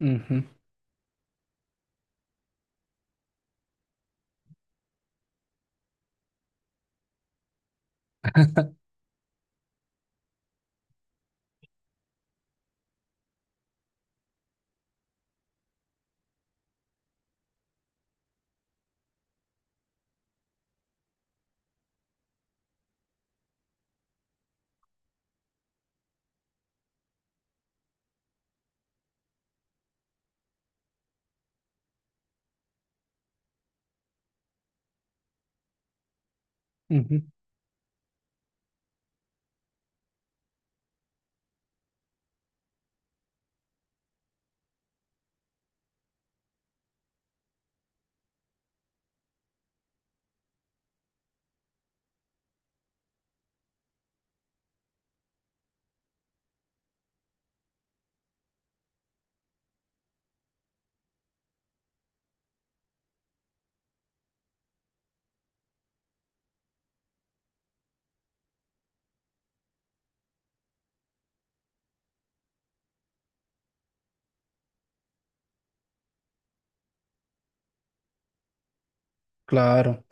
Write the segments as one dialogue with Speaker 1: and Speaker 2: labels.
Speaker 1: Ujú, ujú, claro.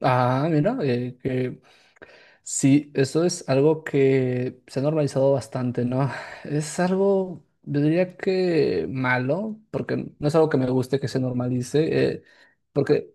Speaker 1: Ah, mira, que sí, eso es algo que se ha normalizado bastante, ¿no? Es algo, yo diría que malo, porque no es algo que me guste que se normalice, porque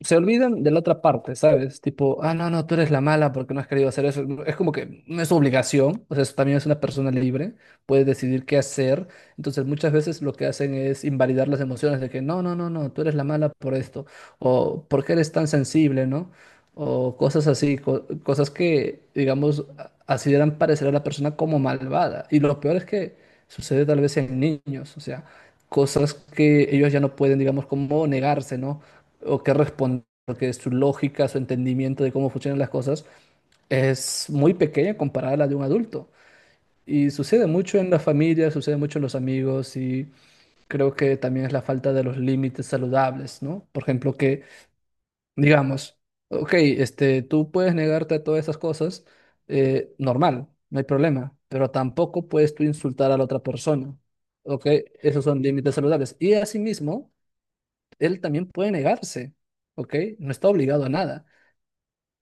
Speaker 1: se olvidan de la otra parte, ¿sabes? Tipo, ah, no, no, tú eres la mala porque no has querido hacer eso. Es como que no es su obligación, o sea, eso también es una persona libre, puede decidir qué hacer. Entonces, muchas veces lo que hacen es invalidar las emociones de que, no, no, no, no, tú eres la mala por esto, o por qué eres tan sensible, ¿no? O cosas así, cosas que, digamos, así harán parecer a la persona como malvada. Y lo peor es que sucede tal vez en niños, o sea, cosas que ellos ya no pueden, digamos, como negarse, ¿no? O qué responder, porque su lógica, su entendimiento de cómo funcionan las cosas es muy pequeña comparada a la de un adulto. Y sucede mucho en la familia, sucede mucho en los amigos, y creo que también es la falta de los límites saludables, ¿no? Por ejemplo, que digamos, ok, este, tú puedes negarte a todas esas cosas, normal, no hay problema, pero tampoco puedes tú insultar a la otra persona, ¿ok? Esos son límites saludables. Y asimismo, él también puede negarse, ¿ok? No está obligado a nada,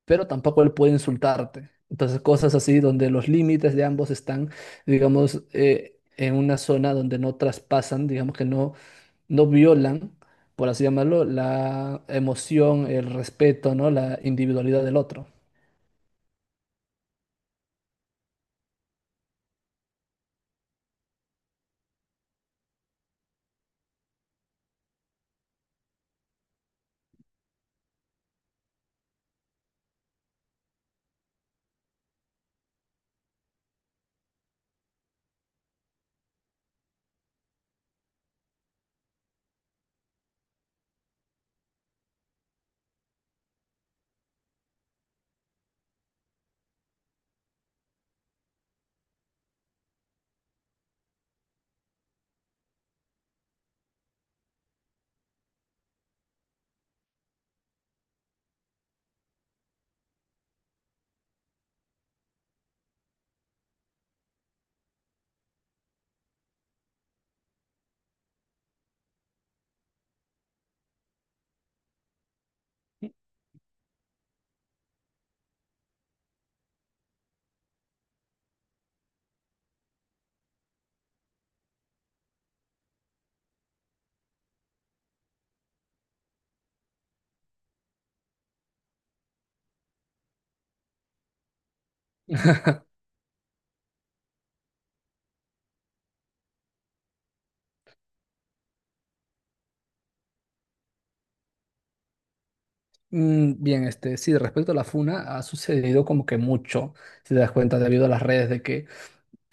Speaker 1: pero tampoco él puede insultarte. Entonces, cosas así donde los límites de ambos están, digamos, en una zona donde no traspasan, digamos que no, no violan, por así llamarlo, la emoción, el respeto, ¿no? La individualidad del otro. Mm, bien, este, sí, respecto a la funa, ha sucedido como que mucho, si te das cuenta, debido a las redes, de que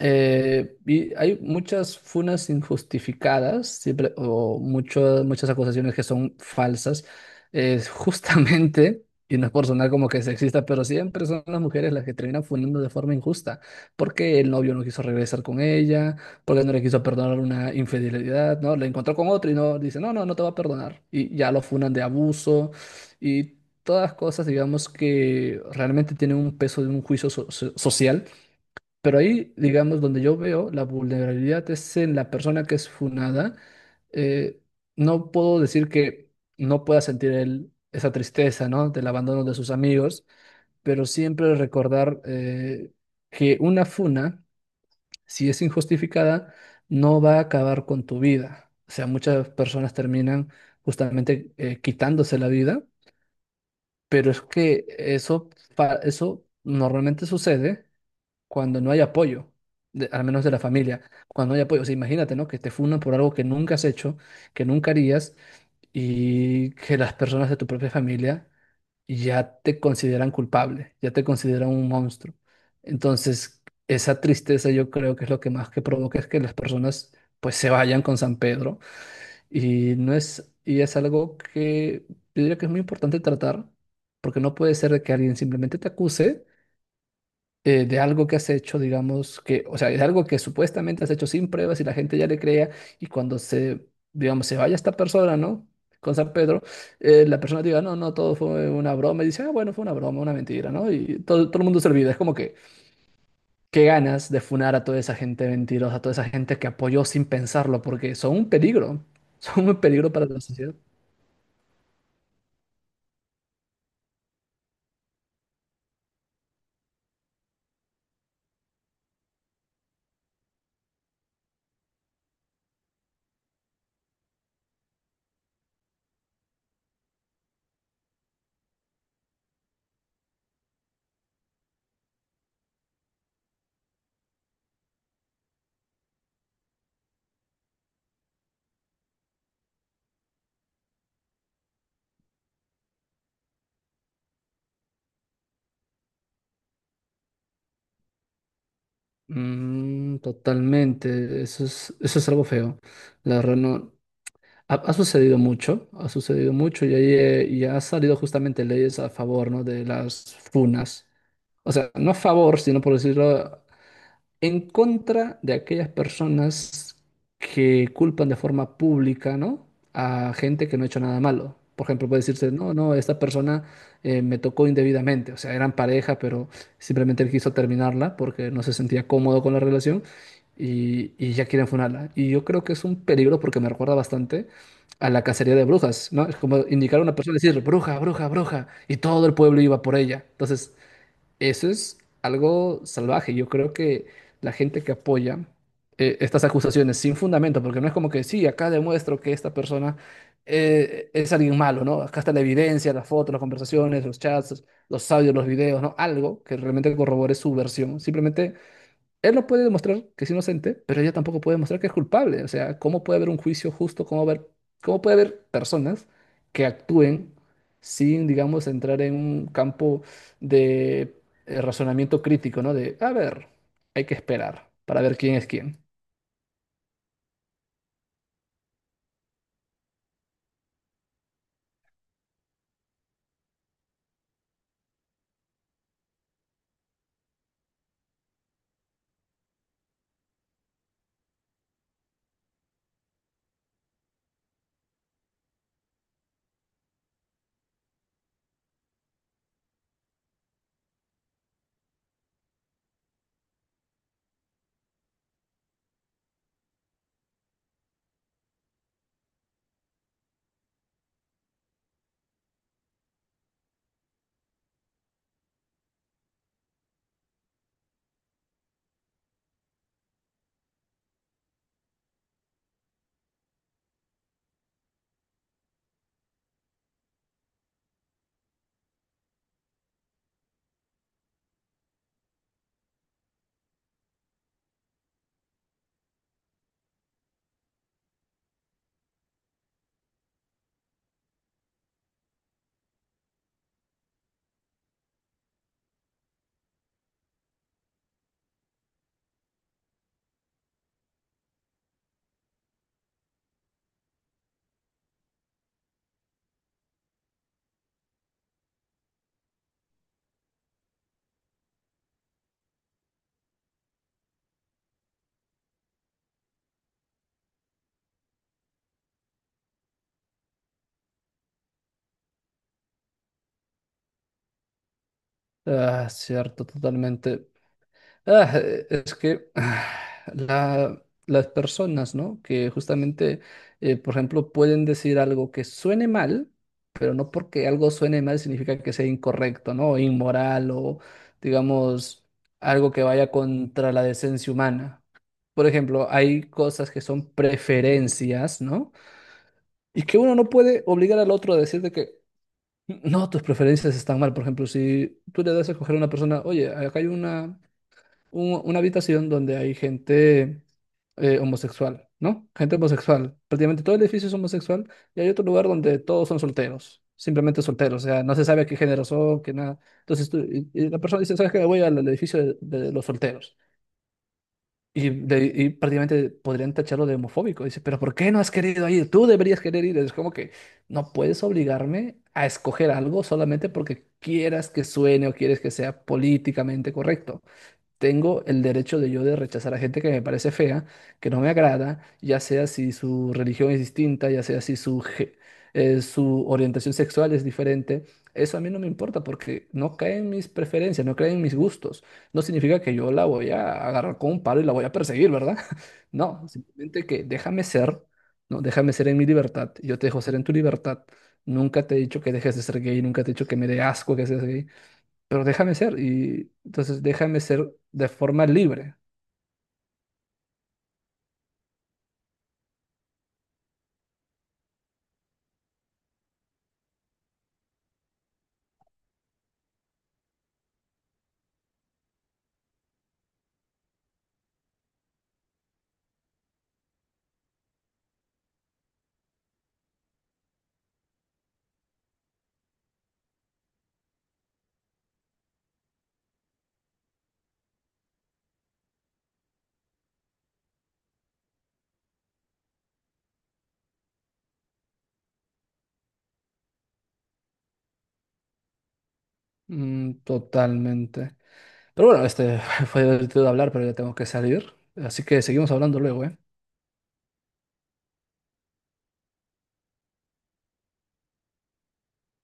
Speaker 1: Y hay muchas funas injustificadas, siempre, o muchas acusaciones que son falsas. Es justamente, y no es por sonar como que sexista, pero siempre son las mujeres las que terminan funando de forma injusta, porque el novio no quiso regresar con ella, porque no le quiso perdonar una infidelidad, ¿no? La encontró con otro y no dice, no, no, no te va a perdonar. Y ya lo funan de abuso, y todas cosas, digamos, que realmente tienen un peso de un juicio social. Pero ahí, digamos, donde yo veo la vulnerabilidad es en la persona que es funada. Eh, no puedo decir que no pueda sentir él esa tristeza, ¿no? Del abandono de sus amigos, pero siempre recordar que una funa, si es injustificada, no va a acabar con tu vida. O sea, muchas personas terminan justamente quitándose la vida, pero es que eso, eso normalmente sucede cuando no hay apoyo, de- al menos de la familia, cuando no hay apoyo. O sea, imagínate, ¿no? Que te funan por algo que nunca has hecho, que nunca harías, y que las personas de tu propia familia ya te consideran culpable, ya te consideran un monstruo. Entonces, esa tristeza yo creo que es lo que más que provoca es que las personas pues se vayan con San Pedro. Y no es, y es algo que yo diría que es muy importante tratar, porque no puede ser de que alguien simplemente te acuse de algo que has hecho, digamos, que, o sea, de algo que supuestamente has hecho sin pruebas y la gente ya le crea, y cuando se, digamos, se vaya esta persona, ¿no? Con San Pedro, la persona diga, no, no, todo fue una broma, y dice, ah, bueno, fue una broma, una mentira, ¿no? Y todo, todo el mundo se olvida, es como que, qué ganas de funar a toda esa gente mentirosa, a toda esa gente que apoyó sin pensarlo, porque son un peligro, son un peligro para la sociedad. Mm, totalmente, eso es algo feo. La verdad no. Ha, ha sucedido mucho, ha sucedido mucho, y ahí y ha salido justamente leyes a favor, ¿no? De las funas. O sea, no a favor, sino por decirlo, en contra de aquellas personas que culpan de forma pública, ¿no? A gente que no ha hecho nada malo. Por ejemplo, puede decirse, no, no, esta persona me tocó indebidamente. O sea, eran pareja, pero simplemente él quiso terminarla porque no se sentía cómodo con la relación, y ya quieren funarla. Y yo creo que es un peligro porque me recuerda bastante a la cacería de brujas, ¿no? Es como indicar a una persona y decir, bruja, bruja, bruja, y todo el pueblo iba por ella. Entonces, eso es algo salvaje. Yo creo que la gente que apoya estas acusaciones sin fundamento, porque no es como que sí, acá demuestro que esta persona es alguien malo, ¿no? Acá está la evidencia, las fotos, las conversaciones, los chats, los audios, los videos, ¿no? Algo que realmente corrobore su versión. Simplemente él no puede demostrar que es inocente, pero ella tampoco puede demostrar que es culpable. O sea, ¿cómo puede haber un juicio justo? ¿Cómo puede haber personas que actúen sin, digamos, entrar en un campo de razonamiento crítico, ¿no? De, a ver, hay que esperar para ver quién es quién. Ah, cierto, totalmente. Ah, eh, es que ah, la- las personas, ¿no? Que justamente, por ejemplo, pueden decir algo que suene mal, pero no porque algo suene mal significa que sea incorrecto, ¿no? O inmoral o, digamos, algo que vaya contra la decencia humana. Por ejemplo, hay cosas que son preferencias, ¿no? Y que uno no puede obligar al otro a decir de que no, tus preferencias están mal. Por ejemplo, si tú le das a escoger a una persona, oye, acá hay una una habitación donde hay gente homosexual, ¿no? Gente homosexual. Prácticamente todo el edificio es homosexual, y hay otro lugar donde todos son solteros, simplemente solteros, o sea, no se sabe qué género son, qué nada. Y la persona dice, ¿sabes qué? Voy al, al edificio de los solteros. Y, y prácticamente podrían tacharlo de homofóbico. Dice, pero ¿por qué no has querido ir? Tú deberías querer ir. Es como que no puedes obligarme a escoger algo solamente porque quieras que suene o quieres que sea políticamente correcto. Tengo el derecho de yo de rechazar a gente que me parece fea, que no me agrada, ya sea si su religión es distinta, ya sea si su, su orientación sexual es diferente. Eso a mí no me importa porque no cae en mis preferencias, no cae en mis gustos. No significa que yo la voy a agarrar con un palo y la voy a perseguir, ¿verdad? No, simplemente que déjame ser, ¿no? Déjame ser en mi libertad. Y yo te dejo ser en tu libertad. Nunca te he dicho que dejes de ser gay, nunca te he dicho que me dé asco que seas gay, pero déjame ser, y entonces déjame ser de forma libre. Mm, totalmente. Pero bueno, este, fue divertido hablar, pero ya tengo que salir. Así que seguimos hablando luego, ¿eh?